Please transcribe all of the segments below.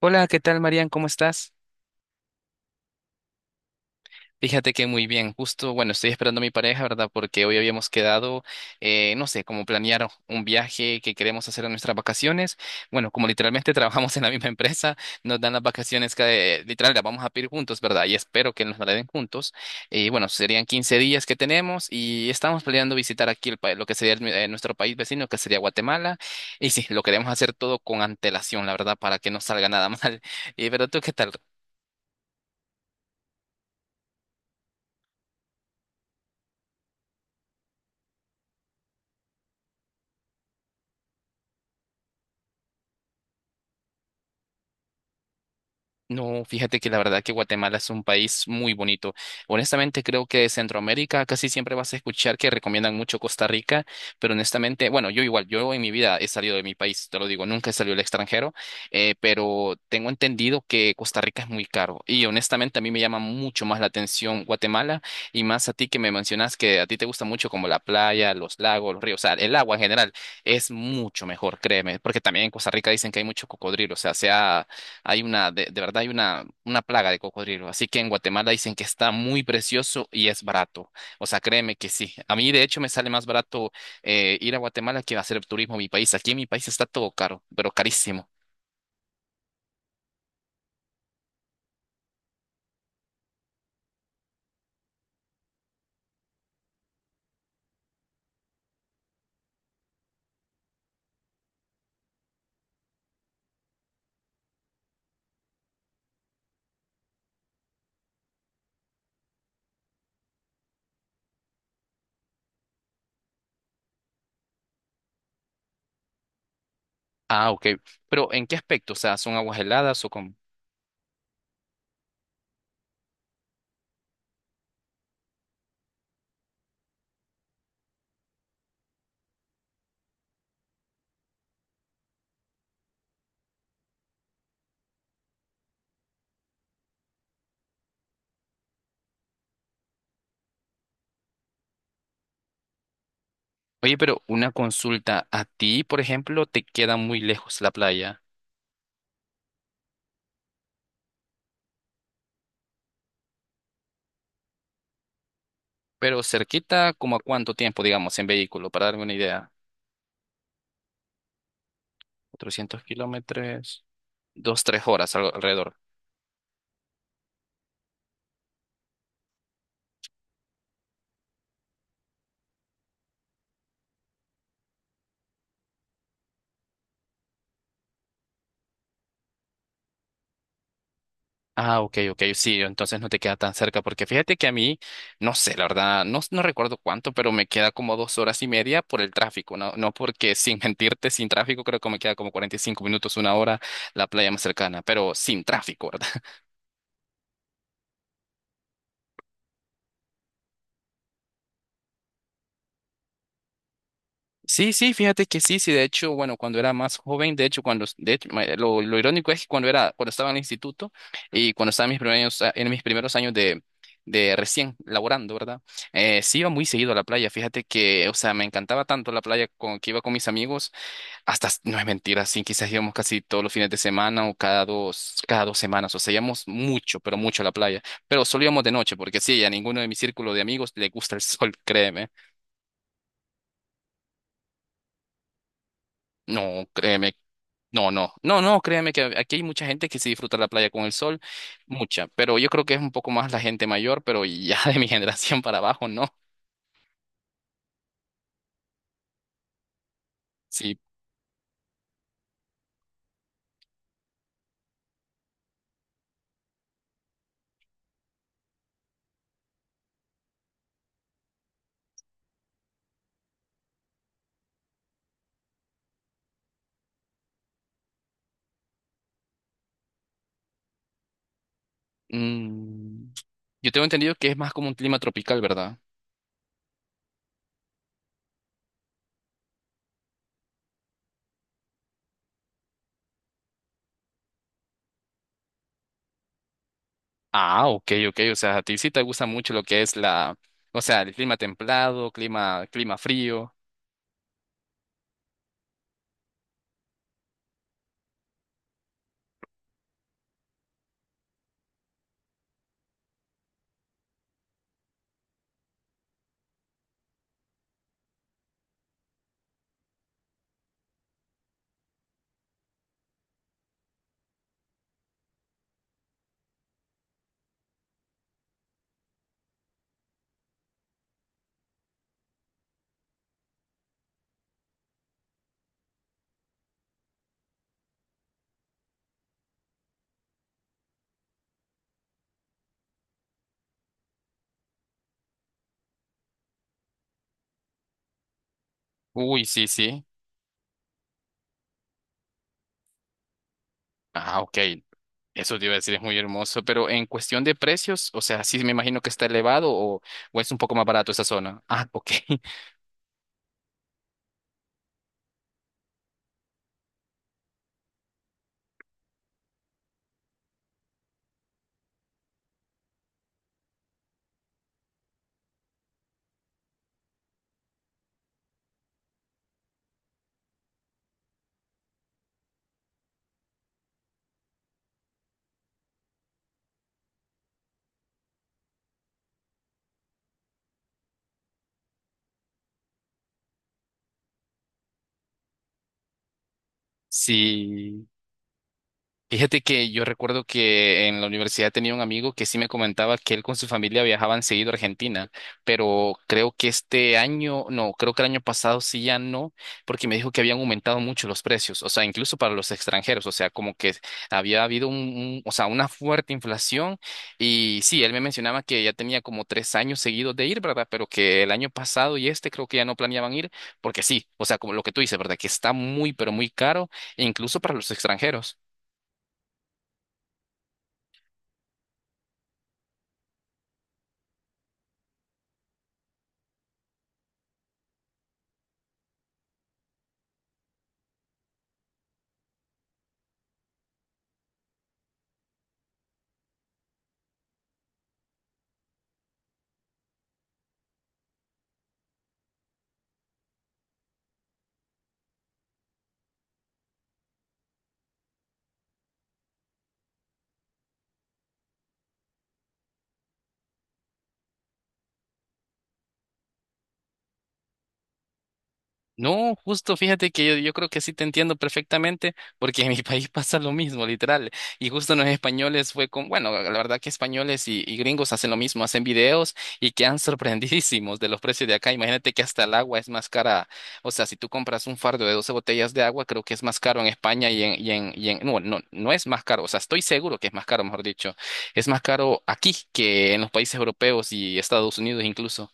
Hola, ¿qué tal, Marian? ¿Cómo estás? Fíjate que muy bien, justo, bueno, estoy esperando a mi pareja, ¿verdad? Porque hoy habíamos quedado, no sé, como planear un viaje que queremos hacer en nuestras vacaciones. Bueno, como literalmente trabajamos en la misma empresa, nos dan las vacaciones que literal las vamos a pedir juntos, ¿verdad? Y espero que nos la den juntos. Y bueno, serían 15 días que tenemos y estamos planeando visitar aquí lo que sería nuestro país vecino, que sería Guatemala. Y sí, lo queremos hacer todo con antelación, la verdad, para que no salga nada mal. Y, pero tú, ¿qué tal? No, fíjate que la verdad que Guatemala es un país muy bonito. Honestamente, creo que de Centroamérica casi siempre vas a escuchar que recomiendan mucho Costa Rica, pero honestamente, bueno, yo igual, yo en mi vida he salido de mi país, te lo digo, nunca he salido al extranjero, pero tengo entendido que Costa Rica es muy caro y honestamente a mí me llama mucho más la atención Guatemala y más a ti que me mencionas que a ti te gusta mucho como la playa, los lagos, los ríos, o sea, el agua en general es mucho mejor, créeme, porque también en Costa Rica dicen que hay mucho cocodrilo, o sea, de verdad hay una plaga de cocodrilo. Así que en Guatemala dicen que está muy precioso y es barato. O sea, créeme que sí. A mí, de hecho, me sale más barato ir a Guatemala que hacer turismo a mi país. Aquí en mi país está todo caro, pero carísimo. Ah, ok. Pero ¿en qué aspecto? O sea, ¿son aguas heladas o cómo? Oye, pero una consulta. A ti, por ejemplo, te queda muy lejos la playa, pero cerquita, ¿como a cuánto tiempo, digamos, en vehículo? Para darme una idea. 400 kilómetros, 2, 3 horas algo alrededor. Ah, ok, ok, sí, entonces no te queda tan cerca, porque fíjate que a mí, no sé, la verdad, no, no recuerdo cuánto, pero me queda como 2 horas y media por el tráfico, no, no porque sin mentirte, sin tráfico creo que me queda como 45 minutos, una hora la playa más cercana, pero sin tráfico, ¿verdad? Sí, sí, fíjate que sí, sí, de hecho, bueno, cuando era más joven, de hecho, cuando, de hecho, ma- lo irónico es que cuando estaba en el instituto y cuando estaba en en mis primeros años de recién laborando, ¿verdad? Sí iba muy seguido a la playa, fíjate que, o sea, me encantaba tanto la playa que iba con mis amigos, hasta, no es mentira, sí, quizás íbamos casi todos los fines de semana o cada dos semanas, o sea, íbamos mucho, pero mucho a la playa, pero solo íbamos de noche, porque sí, a ninguno de mi círculo de amigos le gusta el sol, créeme. No, créeme. No, no, no, no, créeme que aquí hay mucha gente que sí disfruta la playa con el sol, mucha, pero yo creo que es un poco más la gente mayor, pero ya de mi generación para abajo, no. Sí. mm, yo tengo entendido que es más como un clima tropical, ¿verdad? Ah, ok, ok, o sea, a ti sí te gusta mucho lo que es la, o sea, el clima templado, clima frío. Uy, sí, sí. Ah, ok, eso te iba a decir, es muy hermoso, pero en cuestión de precios, o sea, sí me imagino que está elevado o es un poco más barato esa zona. Ah, ok. Sí. Fíjate que yo recuerdo que en la universidad tenía un amigo que sí me comentaba que él con su familia viajaban seguido a Argentina, pero creo que este año, no, creo que el año pasado sí ya no, porque me dijo que habían aumentado mucho los precios, o sea, incluso para los extranjeros, o sea, como que había habido o sea, una fuerte inflación y sí, él me mencionaba que ya tenía como 3 años seguidos de ir, ¿verdad? Pero que el año pasado y este creo que ya no planeaban ir, porque sí, o sea, como lo que tú dices, ¿verdad? Que está muy, pero muy caro, incluso para los extranjeros. No, justo fíjate que yo creo que sí te entiendo perfectamente, porque en mi país pasa lo mismo, literal. Y justo los españoles fue bueno, la verdad que españoles y gringos hacen lo mismo, hacen videos y quedan sorprendidísimos de los precios de acá. Imagínate que hasta el agua es más cara. O sea, si tú compras un fardo de 12 botellas de agua, creo que es más caro en España no, no, no es más caro. O sea, estoy seguro que es más caro, mejor dicho. Es más caro aquí que en los países europeos y Estados Unidos incluso.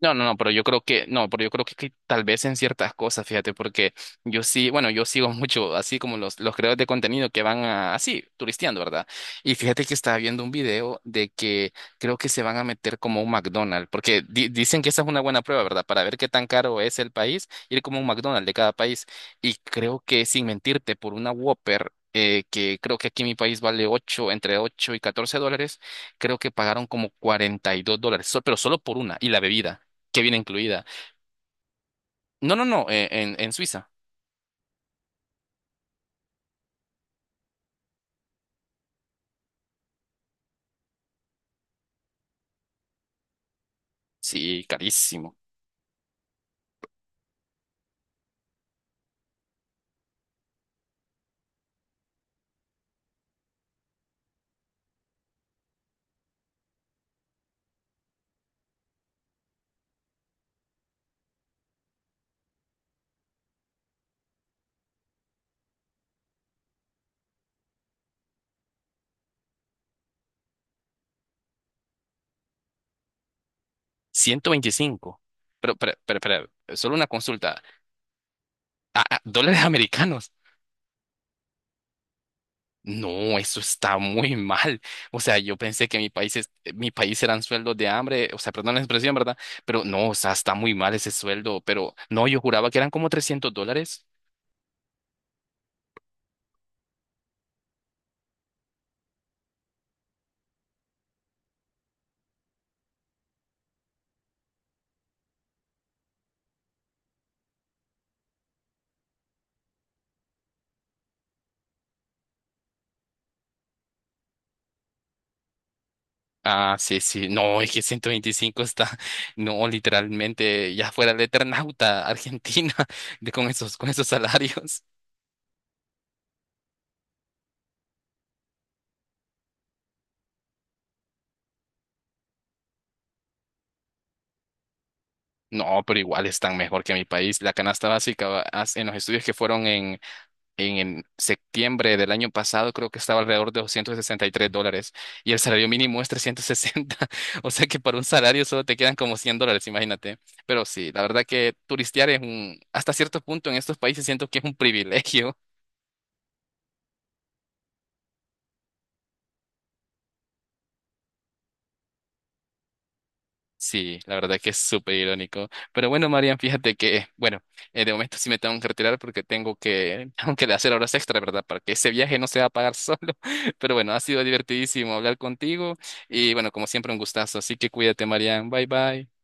No, no, no, pero yo creo que, no, pero yo creo que, tal vez en ciertas cosas, fíjate, porque yo sí, bueno, yo sigo mucho así como los creadores de contenido que van así, turisteando, ¿verdad? Y fíjate que estaba viendo un video de que creo que se van a meter como un McDonald's, porque dicen que esa es una buena prueba, ¿verdad? Para ver qué tan caro es el país, ir como un McDonald's de cada país. Y creo que, sin mentirte, por una Whopper, que creo que aquí en mi país vale 8 entre $8 y $14 creo que pagaron como $42, pero solo por una, y la bebida, que viene incluida. No, no, no, en Suiza. Sí, carísimo. 125. Pero, solo una consulta. Ah, ah, ¿dólares americanos? No, eso está muy mal. O sea, yo pensé que mi país es, mi país eran sueldos de hambre, o sea, perdón la expresión, ¿verdad? Pero no, o sea, está muy mal ese sueldo, pero no, yo juraba que eran como $300. Ah, sí, sí. No, es que 125 está, no, literalmente ya fuera el Eternauta, Argentina, de, con esos salarios. No, pero igual están mejor que mi país. La canasta básica en los estudios que fueron en septiembre del año pasado, creo que estaba alrededor de $263 y el salario mínimo es 360. O sea que para un salario solo te quedan como $100, imagínate. Pero sí, la verdad que turistear es hasta cierto punto en estos países siento que es un privilegio. Sí, la verdad que es súper irónico. Pero bueno, Marian, fíjate que, bueno, de momento sí me tengo que retirar porque tengo que, tengo que hacer horas extra, ¿verdad? Para que ese viaje no se va a pagar solo. Pero bueno, ha sido divertidísimo hablar contigo y bueno, como siempre, un gustazo. Así que cuídate, Marian. Bye, bye.